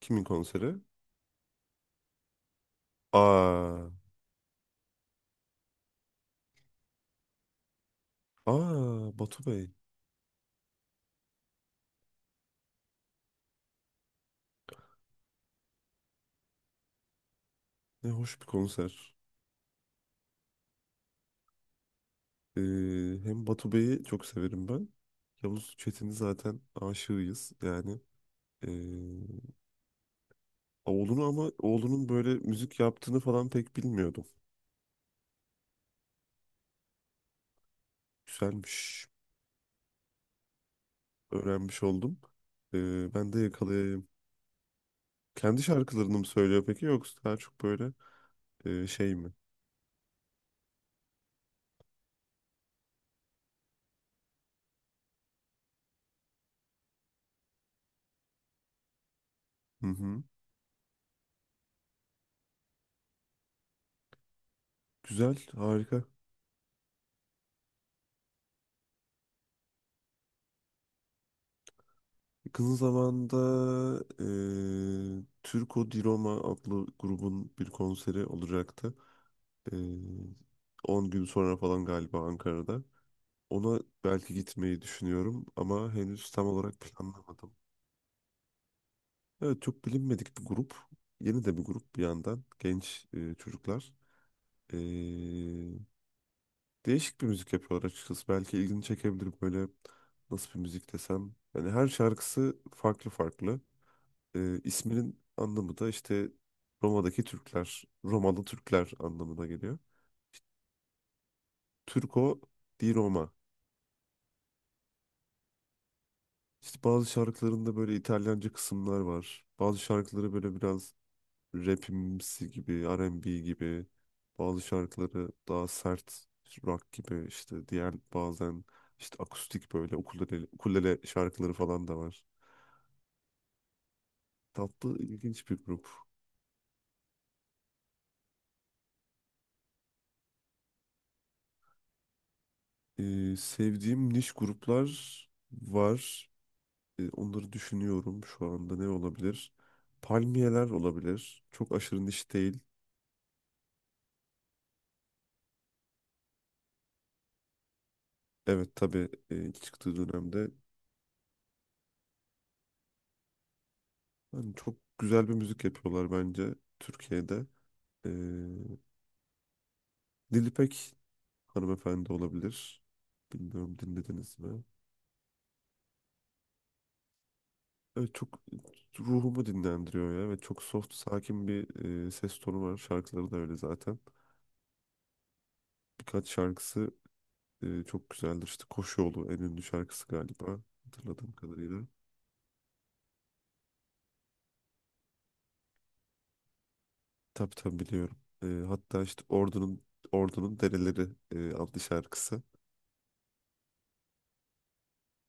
Kimin konseri? Aa, aa Batu Bey. Ne hoş bir konser. Ee, Hem Batu Bey'i çok severim ben. Yavuz Çetin'i zaten aşığıyız yani. Ee, Oğlunu ama oğlunun böyle müzik yaptığını falan pek bilmiyordum. Güzelmiş. Öğrenmiş oldum. Ben de yakalayayım. Kendi şarkılarını mı söylüyor peki yoksa daha çok böyle şey mi? Hı hı. Güzel, harika. Yakın zamanda Türko Di Roma adlı grubun bir konseri olacaktı. Eee 10 gün sonra falan galiba Ankara'da. Ona belki gitmeyi düşünüyorum ama henüz tam olarak planlamadım. Evet çok bilinmedik bir grup. Yeni de bir grup bir yandan. Genç çocuklar. Eee, Değişik bir müzik yapıyorlar açıkçası. Belki ilgini çekebilir böyle nasıl bir müzik desem. Yani her şarkısı farklı farklı. İsminin anlamı da işte Roma'daki Türkler, Romalı Türkler anlamına geliyor. Turco di Roma. İşte bazı şarkılarında böyle İtalyanca kısımlar var. Bazı şarkıları böyle biraz rapimsi gibi, R&B gibi. Bazı şarkıları daha sert rock gibi işte diğer bazen işte akustik böyle ukulele şarkıları falan da var. Tatlı ilginç bir grup. Sevdiğim niş gruplar var. Onları düşünüyorum şu anda ne olabilir? Palmiyeler olabilir. Çok aşırı niş değil. Evet tabii ilk çıktığı dönemde hani çok güzel bir müzik yapıyorlar bence Türkiye'de. E, Nilüpek hanımefendi olabilir. Bilmiyorum dinlediniz mi? Evet çok ruhumu dinlendiriyor ya. Ve çok soft, sakin bir ses tonu var. Şarkıları da öyle zaten. Birkaç şarkısı çok güzeldir. İşte Koşu Yolu en ünlü şarkısı galiba hatırladığım kadarıyla. Tabii tabii biliyorum. Hatta işte Ordu'nun Dereleri adlı şarkısı.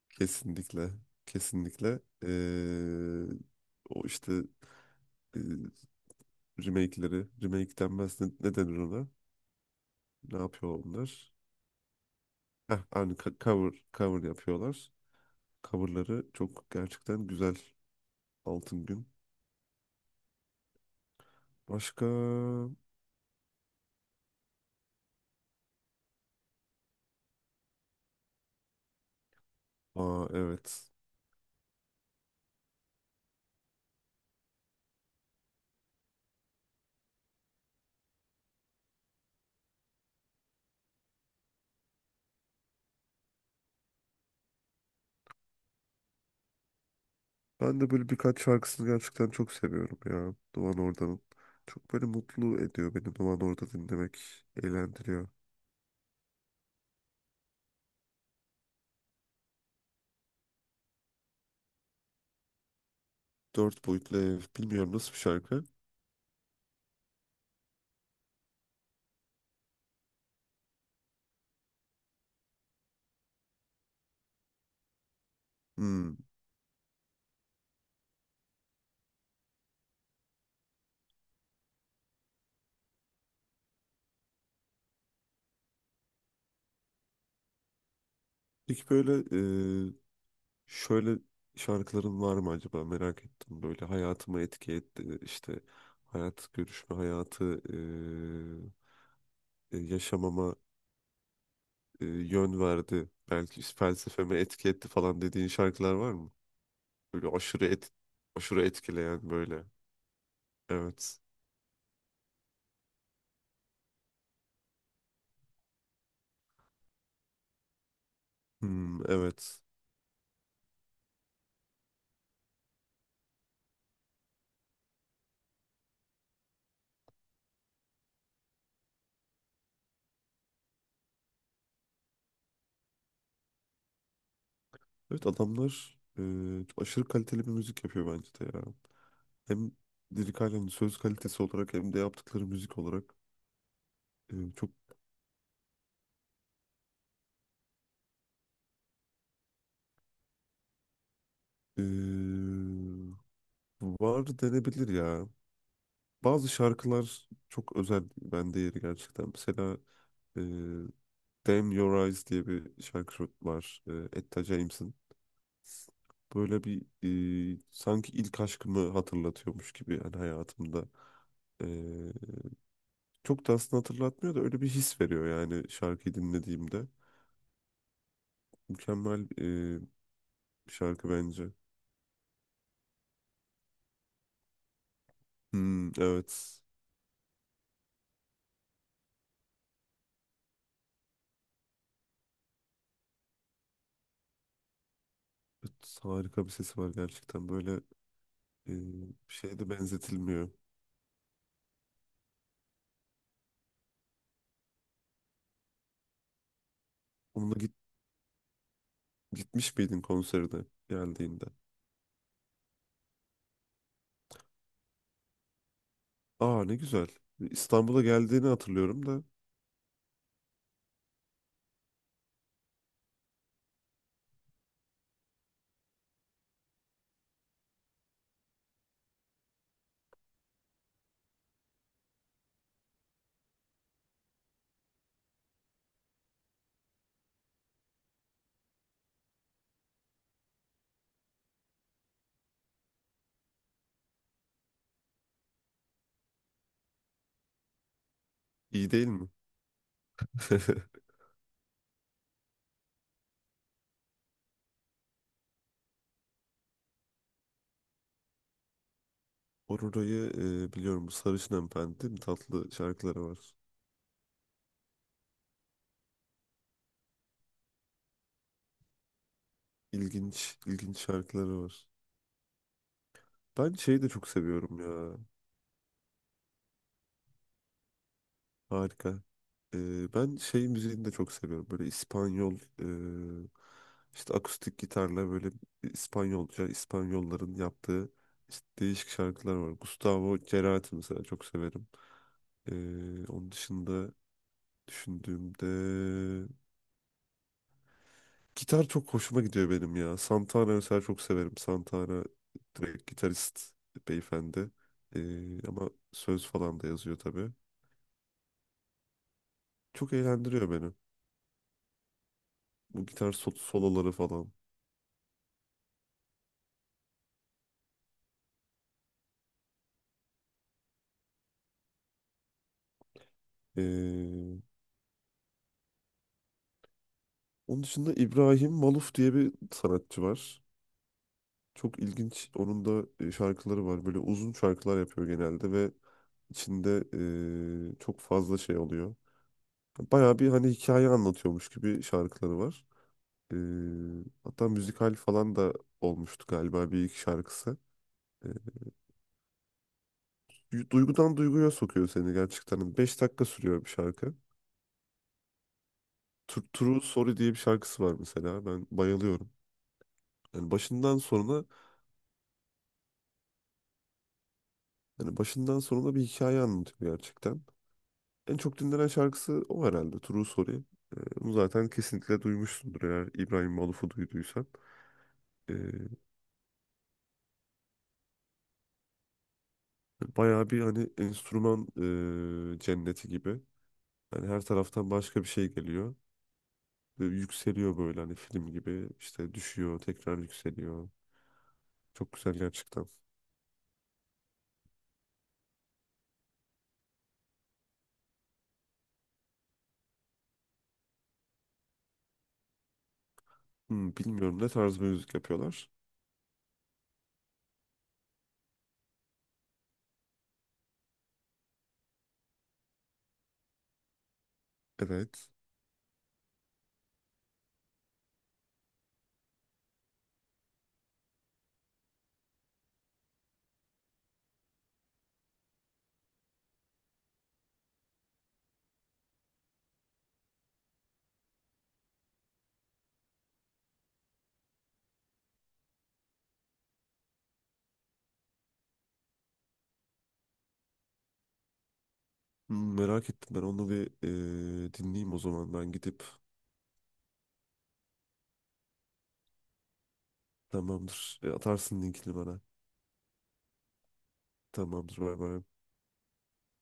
Kesinlikle. Kesinlikle. O işte e, remake'leri. Remake denmez. Ne, ne denir ona? Ne yapıyor onlar? Heh, aynı cover yapıyorlar. Coverları çok gerçekten güzel. Altın Gün. Başka? Aa evet. Ben de böyle birkaç şarkısını gerçekten çok seviyorum ya. Duvan Orda'nın. Çok böyle mutlu ediyor beni Duvan Orda dinlemek. Eğlendiriyor. Dört boyutlu ev. Bilmiyorum nasıl bir şarkı. Hmm. Peki böyle e, şöyle şarkıların var mı acaba merak ettim. Böyle hayatıma etki etti. İşte hayat görüşme hayatı yaşamama yön verdi. Belki işte felsefeme etki etti falan dediğin şarkılar var mı? Böyle aşırı aşırı etkileyen böyle. Evet. Hmm, evet. Evet adamlar çok aşırı kaliteli bir müzik yapıyor bence de ya. Hem lirik halen söz kalitesi olarak hem de yaptıkları müzik olarak çok e, var denebilir ya. Bazı şarkılar çok özel bende yeri gerçekten. Mesela e, Damn Your Eyes diye bir şarkı var. Etta James'in. Böyle bir sanki ilk aşkımı hatırlatıyormuş gibi yani hayatımda. Çok da aslında hatırlatmıyor da öyle bir his veriyor yani şarkıyı dinlediğimde. Mükemmel bir şarkı bence. Hmm, evet. Evet, harika bir sesi var gerçekten. Böyle e, bir şeye de benzetilmiyor. Onunla gitmiş miydin konserine geldiğinde? Aa ne güzel. İstanbul'a geldiğini hatırlıyorum da iyi değil mi? Aurora'yı biliyorum. Bu Sarışın Hanımefendi değil mi? Tatlı şarkıları var. İlginç, ilginç şarkıları var. Ben şeyi de çok seviyorum ya. Harika. Ben şey müziğini de çok seviyorum. Böyle İspanyol e, işte akustik gitarla böyle İspanyolca İspanyolların yaptığı işte değişik şarkılar var. Gustavo Cerati mesela çok severim. Onun dışında düşündüğümde gitar çok hoşuma gidiyor benim ya. Santana mesela çok severim. Santana direkt gitarist beyefendi. Ama söz falan da yazıyor tabii. Çok eğlendiriyor beni. Bu gitar soloları falan. Onun dışında İbrahim Maluf diye bir sanatçı var. Çok ilginç. Onun da şarkıları var. Böyle uzun şarkılar yapıyor genelde ve içinde çok fazla şey oluyor. Bayağı bir hani hikaye anlatıyormuş gibi şarkıları var. E, Hatta müzikal falan da olmuştu galiba bir iki şarkısı. E, Duygudan duyguya sokuyor seni gerçekten. Hani 5 dakika sürüyor bir şarkı. True Sorry diye bir şarkısı var mesela. Ben bayılıyorum. Yani başından sonuna yani başından sonuna bir hikaye anlatıyor gerçekten. En çok dinlenen şarkısı o herhalde. True Sorry. Bunu zaten kesinlikle duymuşsundur eğer İbrahim Maluf'u duyduysan. Ee, Bayağı bir hani enstrüman cenneti gibi. Yani her taraftan başka bir şey geliyor. Ve yükseliyor böyle hani film gibi. İşte düşüyor, tekrar yükseliyor. Çok güzel gerçekten. Bilmiyorum ne tarz bir müzik yapıyorlar. Evet. Merak ettim ben onu bir dinleyeyim o zaman ben gidip. Tamamdır. Atarsın linkini bana. Tamam Bay